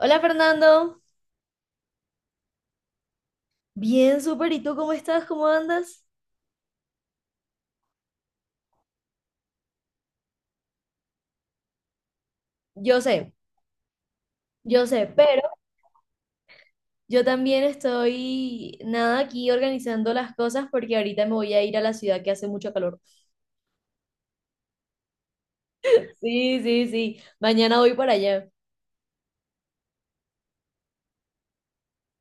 Hola Fernando. Bien, súper, ¿y tú cómo estás? ¿Cómo andas? Yo sé, yo sé, pero yo también estoy, nada, aquí organizando las cosas porque ahorita me voy a ir a la ciudad que hace mucho calor. Sí, sí, sí, mañana voy para allá.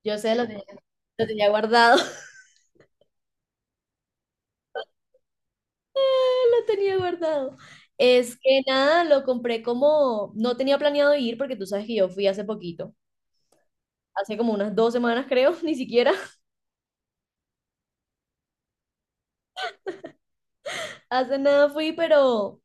Yo sé, lo tenía guardado. Lo tenía guardado. Es que nada, lo compré como, no tenía planeado ir porque tú sabes que yo fui hace poquito, hace como unas 2 semanas creo. Ni siquiera. Hace nada fui, pero,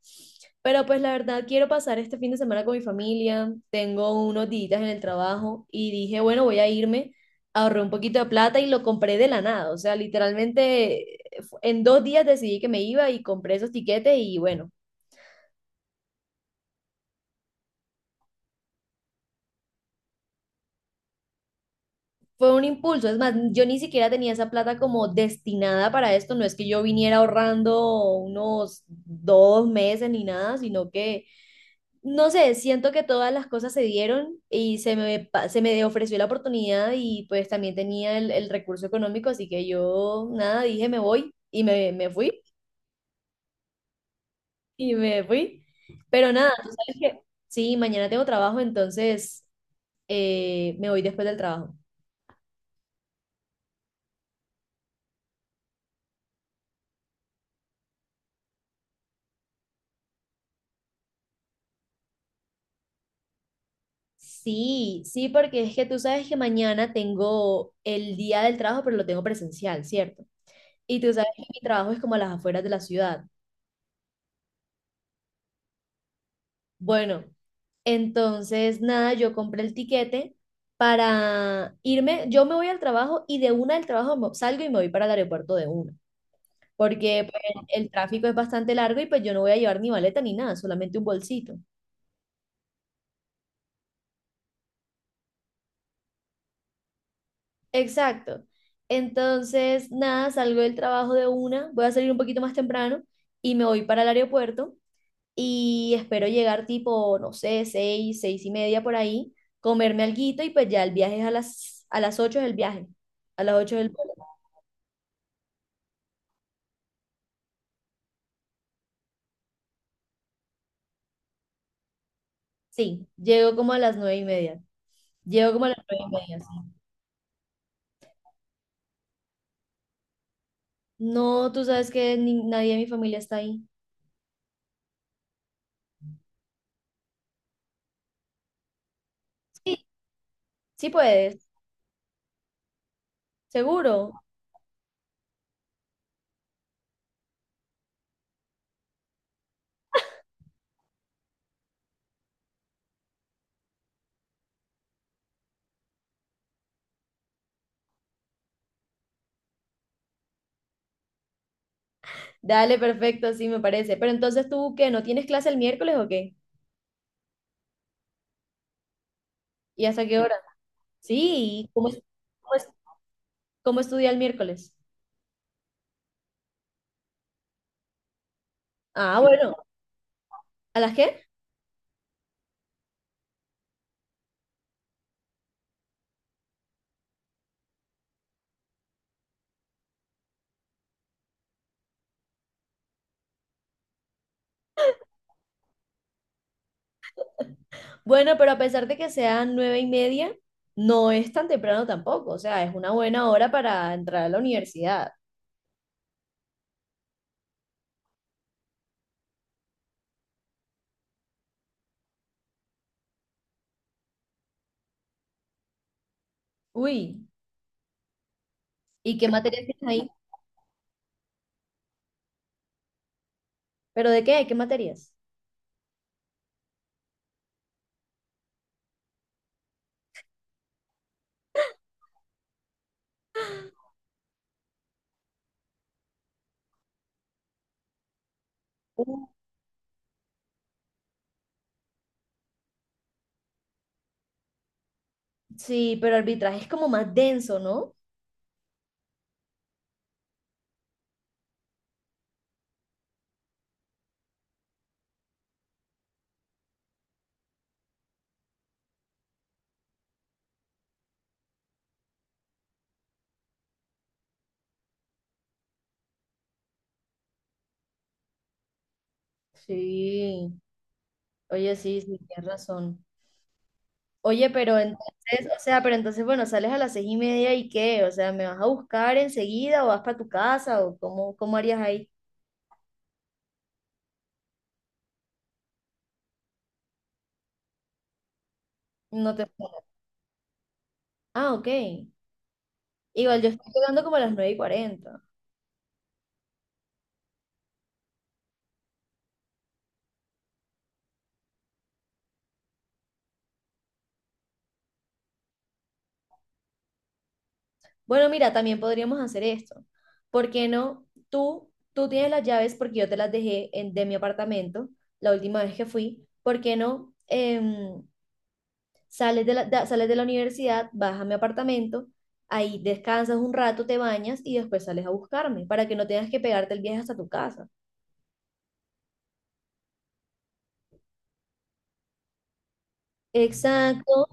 pues la verdad quiero pasar este fin de semana con mi familia. Tengo unos días en el trabajo y dije, bueno, voy a irme. Ahorré un poquito de plata y lo compré de la nada. O sea, literalmente en 2 días decidí que me iba y compré esos tiquetes y bueno, fue un impulso. Es más, yo ni siquiera tenía esa plata como destinada para esto. No es que yo viniera ahorrando unos 2 meses ni nada, sino que no sé, siento que todas las cosas se dieron y se me ofreció la oportunidad y pues también tenía el recurso económico, así que yo nada, dije me voy y me fui y me fui. Pero nada, tú sabes que sí, mañana tengo trabajo, entonces me voy después del trabajo. Sí, sí, porque es que tú sabes que mañana tengo el día del trabajo, pero lo tengo presencial, ¿cierto? Y tú sabes que mi trabajo es como a las afueras de la ciudad. Bueno, entonces, nada, yo compré el tiquete para irme, yo me voy al trabajo y de una del trabajo salgo y me voy para el aeropuerto de una, porque pues el tráfico es bastante largo y pues yo no voy a llevar ni maleta ni nada, solamente un bolsito. Exacto. Entonces, nada, salgo del trabajo de una, voy a salir un poquito más temprano y me voy para el aeropuerto y espero llegar tipo, no sé, seis, 6:30 por ahí, comerme alguito y pues ya el viaje es a las 8:00 es el viaje, a las 8:00 del vuelo. Sí, llego como a las 9:30. Llego como a las nueve y media, sí. No, tú sabes que nadie de mi familia está ahí. Sí, sí puedes, seguro. Dale, perfecto, sí me parece. Pero entonces tú, ¿qué? ¿No tienes clase el miércoles o qué? ¿Y hasta qué hora? Sí, cómo, es- cómo estudia el miércoles? Ah, bueno, ¿a las qué? Bueno, pero a pesar de que sean 9:30, no es tan temprano tampoco. O sea, es una buena hora para entrar a la universidad. Uy, ¿y qué materias tienes ahí? ¿Pero de qué? ¿Qué materias? Sí, pero arbitraje es como más denso, ¿no? Sí. Oye, sí, sí, tienes razón. Oye, pero entonces, o sea, pero entonces, bueno, sales a las 6:30 y qué, o sea, ¿me vas a buscar enseguida o vas para tu casa o cómo, cómo harías ahí? No te... Ah, ok. Igual yo estoy llegando como a las 9:40. Bueno, mira, también podríamos hacer esto. ¿Por qué no? Tú tienes las llaves porque yo te las dejé de mi apartamento la última vez que fui. ¿Por qué no? Sales de la universidad, vas a mi apartamento, ahí descansas un rato, te bañas y después sales a buscarme para que no tengas que pegarte el viaje hasta tu casa. Exacto.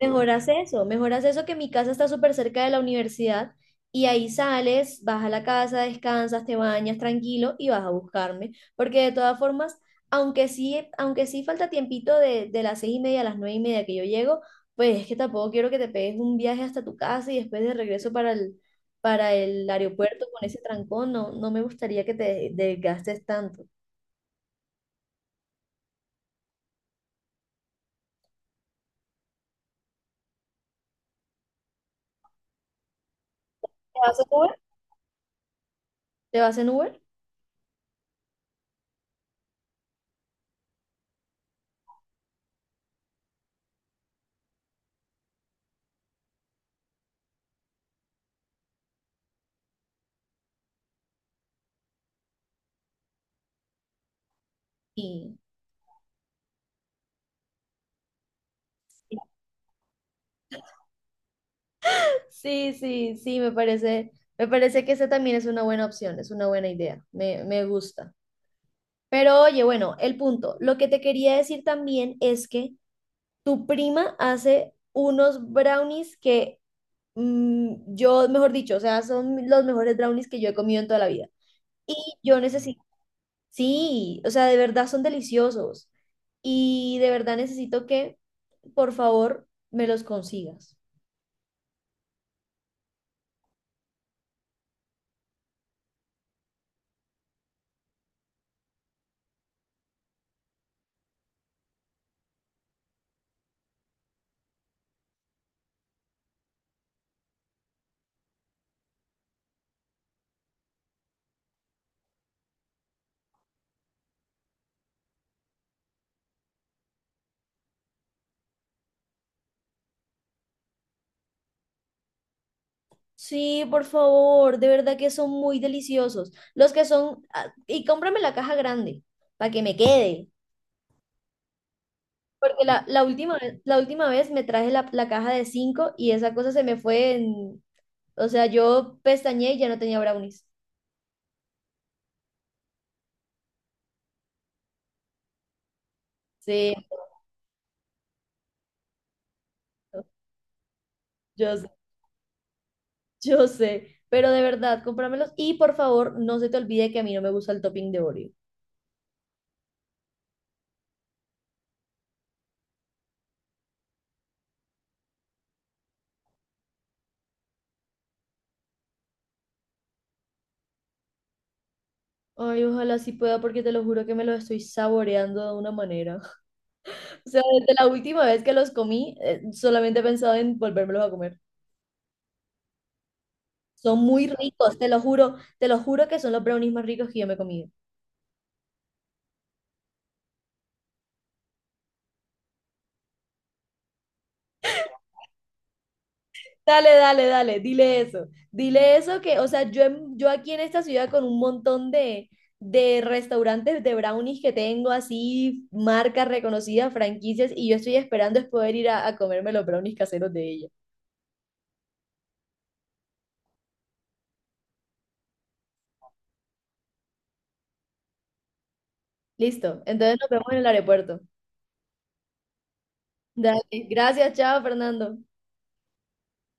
Mejoras eso que mi casa está súper cerca de la universidad y ahí sales, vas a la casa, descansas, te bañas tranquilo y vas a buscarme, porque de todas formas, aunque sí falta tiempito de las 6:30 a las 9:30 que yo llego, pues es que tampoco quiero que te pegues un viaje hasta tu casa y después de regreso para el aeropuerto con ese trancón. No, no me gustaría que te desgastes tanto. ¿Te vas en Uber? ¿Te vas en Uber? Sí. Sí, sí, sí, me parece que esa también es una buena opción, es una buena idea, me gusta. Pero oye, bueno, el punto, lo que te quería decir también es que tu prima hace unos brownies que mm, yo, mejor dicho, o sea, son los mejores brownies que yo he comido en toda la vida. Y yo necesito, sí, o sea, de verdad son deliciosos. Y de verdad necesito que, por favor, me los consigas. Sí, por favor, de verdad que son muy deliciosos. Los que son, ah, y cómprame la caja grande para que me quede. Porque la última vez, la última vez me traje la caja de cinco y esa cosa se me fue en, o sea, yo pestañeé y ya no tenía brownies. Sí, yo sé, yo sé, pero de verdad, cómpramelos y por favor, no se te olvide que a mí no me gusta el topping de Oreo. Ay, ojalá sí pueda porque te lo juro que me lo estoy saboreando de una manera. O sea, desde la última vez que los comí, solamente he pensado en volvérmelos a comer. Son muy ricos, te lo juro que son los brownies más ricos que yo me he comido. Dale, dale, dale, dile eso. Dile eso que, o sea, yo aquí en esta ciudad con un montón de restaurantes de brownies que tengo, así, marcas reconocidas, franquicias, y yo estoy esperando es poder ir a comerme los brownies caseros de ella. Listo, entonces nos vemos en el aeropuerto. Dale, gracias, chao, Fernando.